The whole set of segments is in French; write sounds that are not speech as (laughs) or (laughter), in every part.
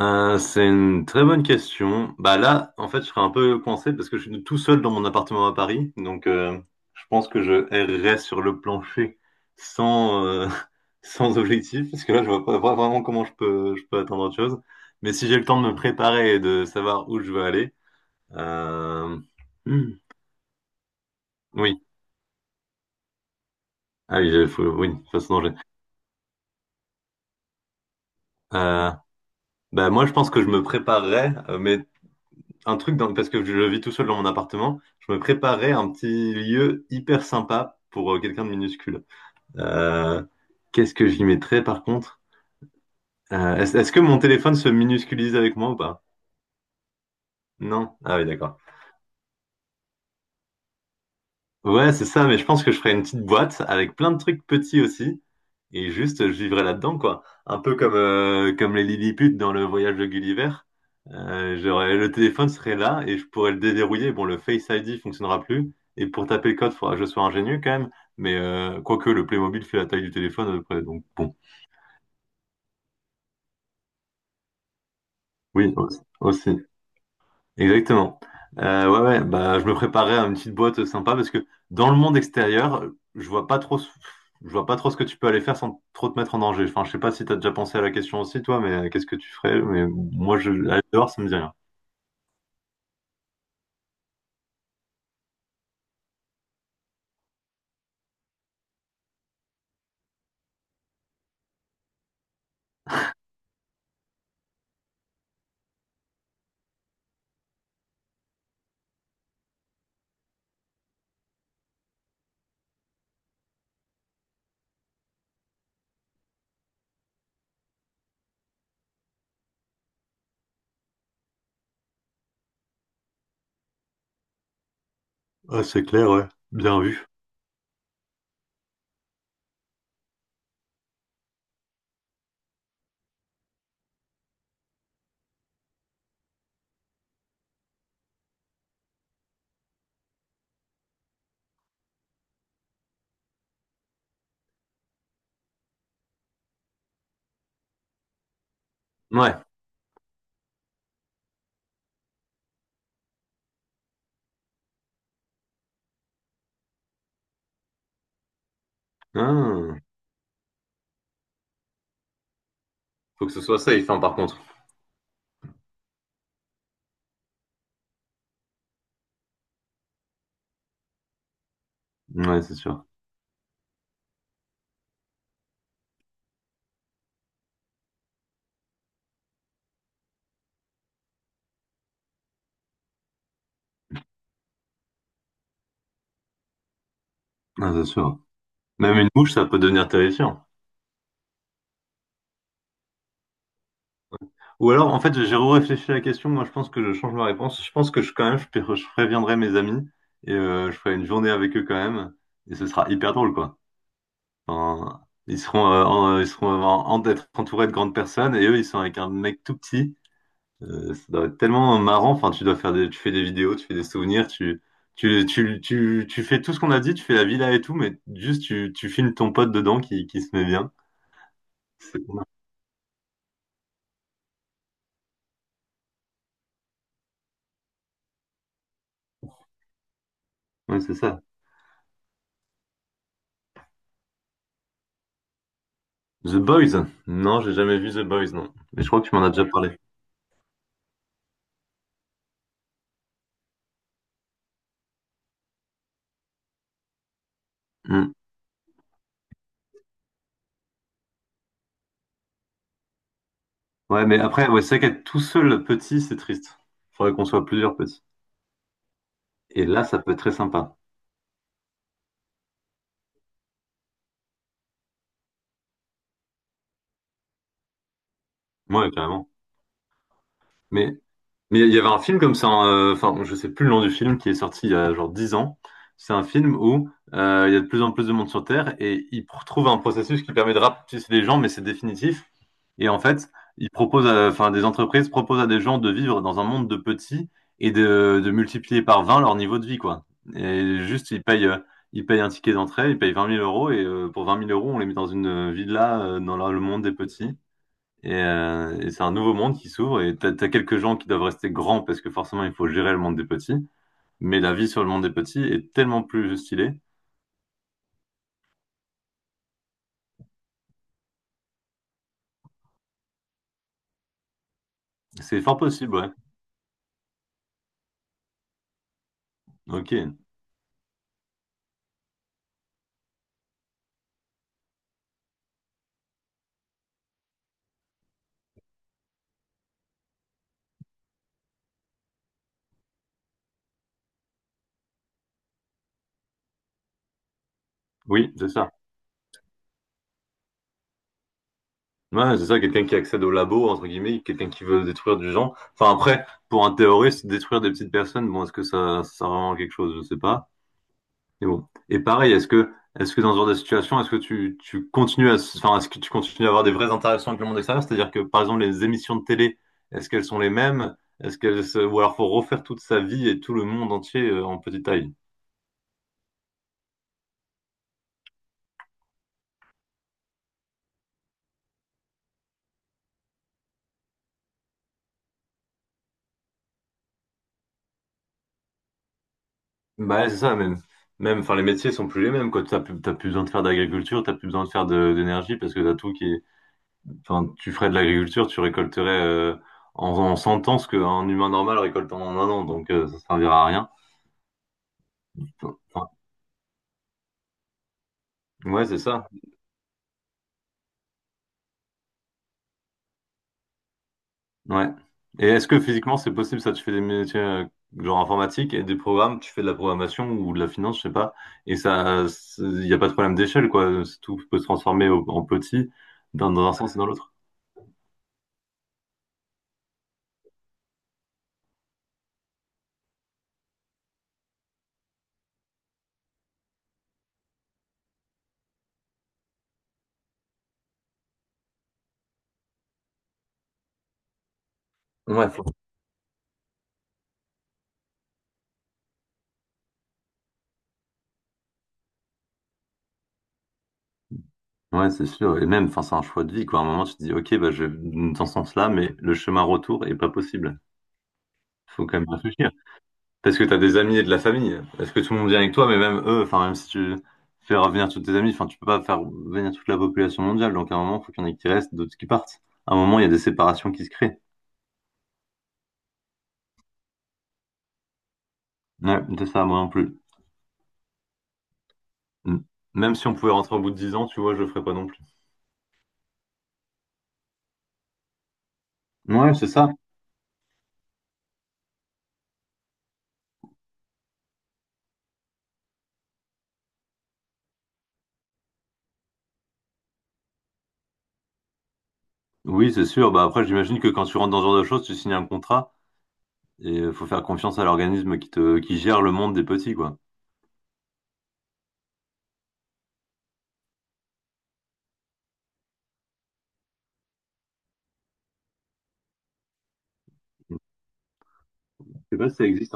C'est une très bonne question. Bah là, en fait, je serais un peu coincé parce que je suis tout seul dans mon appartement à Paris. Donc, je pense que je errerais sur le plancher sans, (laughs) sans objectif parce que là, je vois pas vraiment comment je peux attendre autre chose. Mais si j'ai le temps de me préparer et de savoir où je veux aller, euh, hmm, oui. Ah oui, faut, oui, faut se danger. Euh, bah moi, je pense que je me préparerais, mais parce que je vis tout seul dans mon appartement. Je me préparais un petit lieu hyper sympa pour quelqu'un de minuscule. Euh, qu'est-ce que j'y mettrais par contre? Est-ce que mon téléphone se minusculise avec moi ou pas? Non? Ah oui, d'accord. Ouais, c'est ça, mais je pense que je ferais une petite boîte avec plein de trucs petits aussi, et juste je vivrais là-dedans, quoi. Un peu comme les Lilliput dans le voyage de Gulliver. Le téléphone serait là et je pourrais le déverrouiller. Bon, le Face ID fonctionnera plus, et pour taper le code, faudra que je sois ingénieux quand même, mais quoique le Playmobil fait la taille du téléphone à peu près, donc bon. Oui, aussi. Aussi. Exactement. Ouais, ouais, bah, je me préparais à une petite boîte sympa parce que dans le monde extérieur, je vois pas trop ce que tu peux aller faire sans trop te mettre en danger. Enfin, je sais pas si tu as déjà pensé à la question aussi, toi, mais qu'est-ce que tu ferais? Mais moi, aller dehors, ça me dit rien. Ah, c'est clair, ouais. Bien vu. Ouais. Ah, faut que ce soit safe, hein, par contre. Ouais, c'est sûr. Ah, c'est sûr. Même une mouche, ça peut devenir terrifiant. Ou alors, en fait, j'ai réfléchi à la question. Moi, je pense que je change ma réponse. Je pense que quand même, je préviendrai mes amis et je ferai une journée avec eux quand même. Et ce sera hyper drôle, quoi. Enfin, ils seront d'être entourés de grandes personnes et eux, ils sont avec un mec tout petit. Ça doit être tellement marrant. Enfin, tu fais des vidéos, tu fais des souvenirs, tu fais tout ce qu'on a dit, tu fais la villa et tout, mais juste tu filmes ton pote dedans qui se met bien. C'est- Ouais, c'est ça. The Boys? Non, j'ai jamais vu The Boys, non. Mais je crois que tu m'en as déjà, ouais, parlé. Hmm. Ouais, mais après, ouais, c'est vrai qu'être tout seul petit, c'est triste. Faudrait qu'on soit plusieurs petits. Et là, ça peut être très sympa. Ouais, carrément. Mais Mais il y avait un film comme ça, hein, enfin, je sais plus le nom du film, qui est sorti il y a genre 10 ans. C'est un film où il y a de plus en plus de monde sur Terre et trouvent un processus qui permet de rapetisser les gens, mais c'est définitif. Et en fait, enfin, des entreprises proposent à des gens de vivre dans un monde de petits et de multiplier par 20 leur niveau de vie, quoi. Et juste, ils payent un ticket d'entrée, ils payent 20 000 € et pour vingt mille euros, on les met dans une villa dans le monde des petits. Et c'est un nouveau monde qui s'ouvre et t'as quelques gens qui doivent rester grands parce que forcément il faut gérer le monde des petits. Mais la vie sur le monde des petits est tellement plus stylée. C'est fort possible, ouais. Ok. Oui, c'est ça. Ouais, c'est ça, quelqu'un qui accède au labo, entre guillemets, quelqu'un qui veut détruire du genre. Enfin après, pour un terroriste, détruire des petites personnes, bon, est-ce que ça sert vraiment à quelque chose? Je sais pas. Et bon. Et pareil, est-ce que dans ce genre de situation, est-ce que tu continues à avoir des vraies interactions avec le monde extérieur? C'est-à-dire que, par exemple, les émissions de télé, est-ce qu'elles sont les mêmes? Ou alors faut refaire toute sa vie et tout le monde entier en petite taille? Bah, ouais, c'est ça, même. Même, enfin, les métiers sont plus les mêmes, quoi. T'as plus besoin de faire d'agriculture, t'as plus besoin de faire d'énergie parce que t'as tout qui est, enfin, tu ferais de l'agriculture, tu récolterais, en 100 ans ce qu'un humain normal récolte en un an, donc, ça servira à rien. Enfin, ouais, c'est ça. Ouais. Et est-ce que physiquement c'est possible ça? Tu fais des métiers genre informatique et des programmes, tu fais de la programmation ou de la finance, je sais pas. Et ça, il n'y a pas de problème d'échelle, quoi. C'est Tout peut se transformer en petit dans un sens et dans l'autre. Ouais, ouais, c'est sûr. Et même, enfin, c'est un choix de vie, quoi. À un moment, tu te dis, ok, bah, je vais dans ce sens-là, mais le chemin retour est pas possible. Faut quand même réfléchir. Parce que t'as des amis et de la famille. Est-ce que tout le monde vient avec toi, mais même eux, enfin même si tu fais revenir tous tes amis, enfin tu peux pas faire venir toute la population mondiale. Donc à un moment, il faut qu'il y en ait qui restent, d'autres qui partent. À un moment, il y a des séparations qui se créent. Ouais, c'est ça, moi non plus. Mm. Même si on pouvait rentrer au bout de 10 ans, tu vois, je le ferais pas non plus. Ouais, c'est ça. Oui, c'est sûr. Bah après, j'imagine que quand tu rentres dans ce genre de choses, tu signes un contrat et faut faire confiance à l'organisme qui gère le monde des petits, quoi. Je sais pas si ça existe.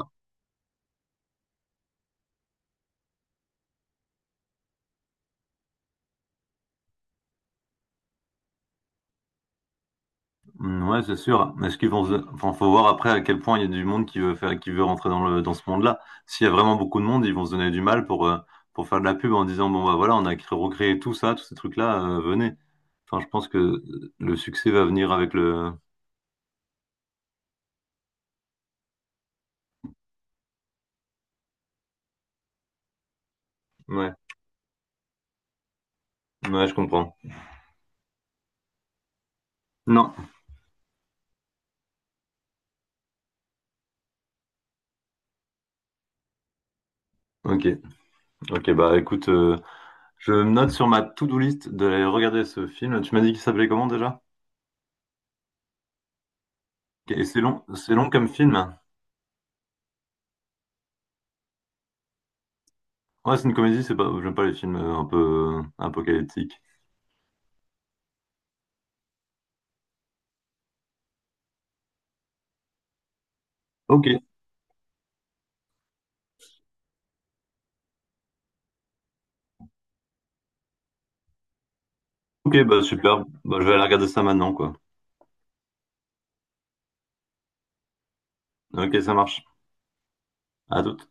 Mm, ouais, c'est sûr. Est-ce qu'ils vont, enfin, faut voir après à quel point il y a du monde qui veut faire, qui veut rentrer dans le, dans ce monde-là. S'il y a vraiment beaucoup de monde, ils vont se donner du mal pour faire de la pub en disant, bon, bah voilà, on a recréé tout ça, tous ces trucs-là, venez. Enfin, je pense que le succès va venir avec le, ouais, ouais, je comprends. Non. Ok. Ok, bah, écoute, je me note sur ma to-do list d'aller regarder ce film. Tu m'as dit qu'il s'appelait comment déjà? Ok, et c'est long comme film. Ouais, c'est une comédie, c'est pas, j'aime pas les films un peu apocalyptiques. Ok. Ok, bah super. Bah, je vais aller regarder ça maintenant, quoi. Ok, ça marche. À toute.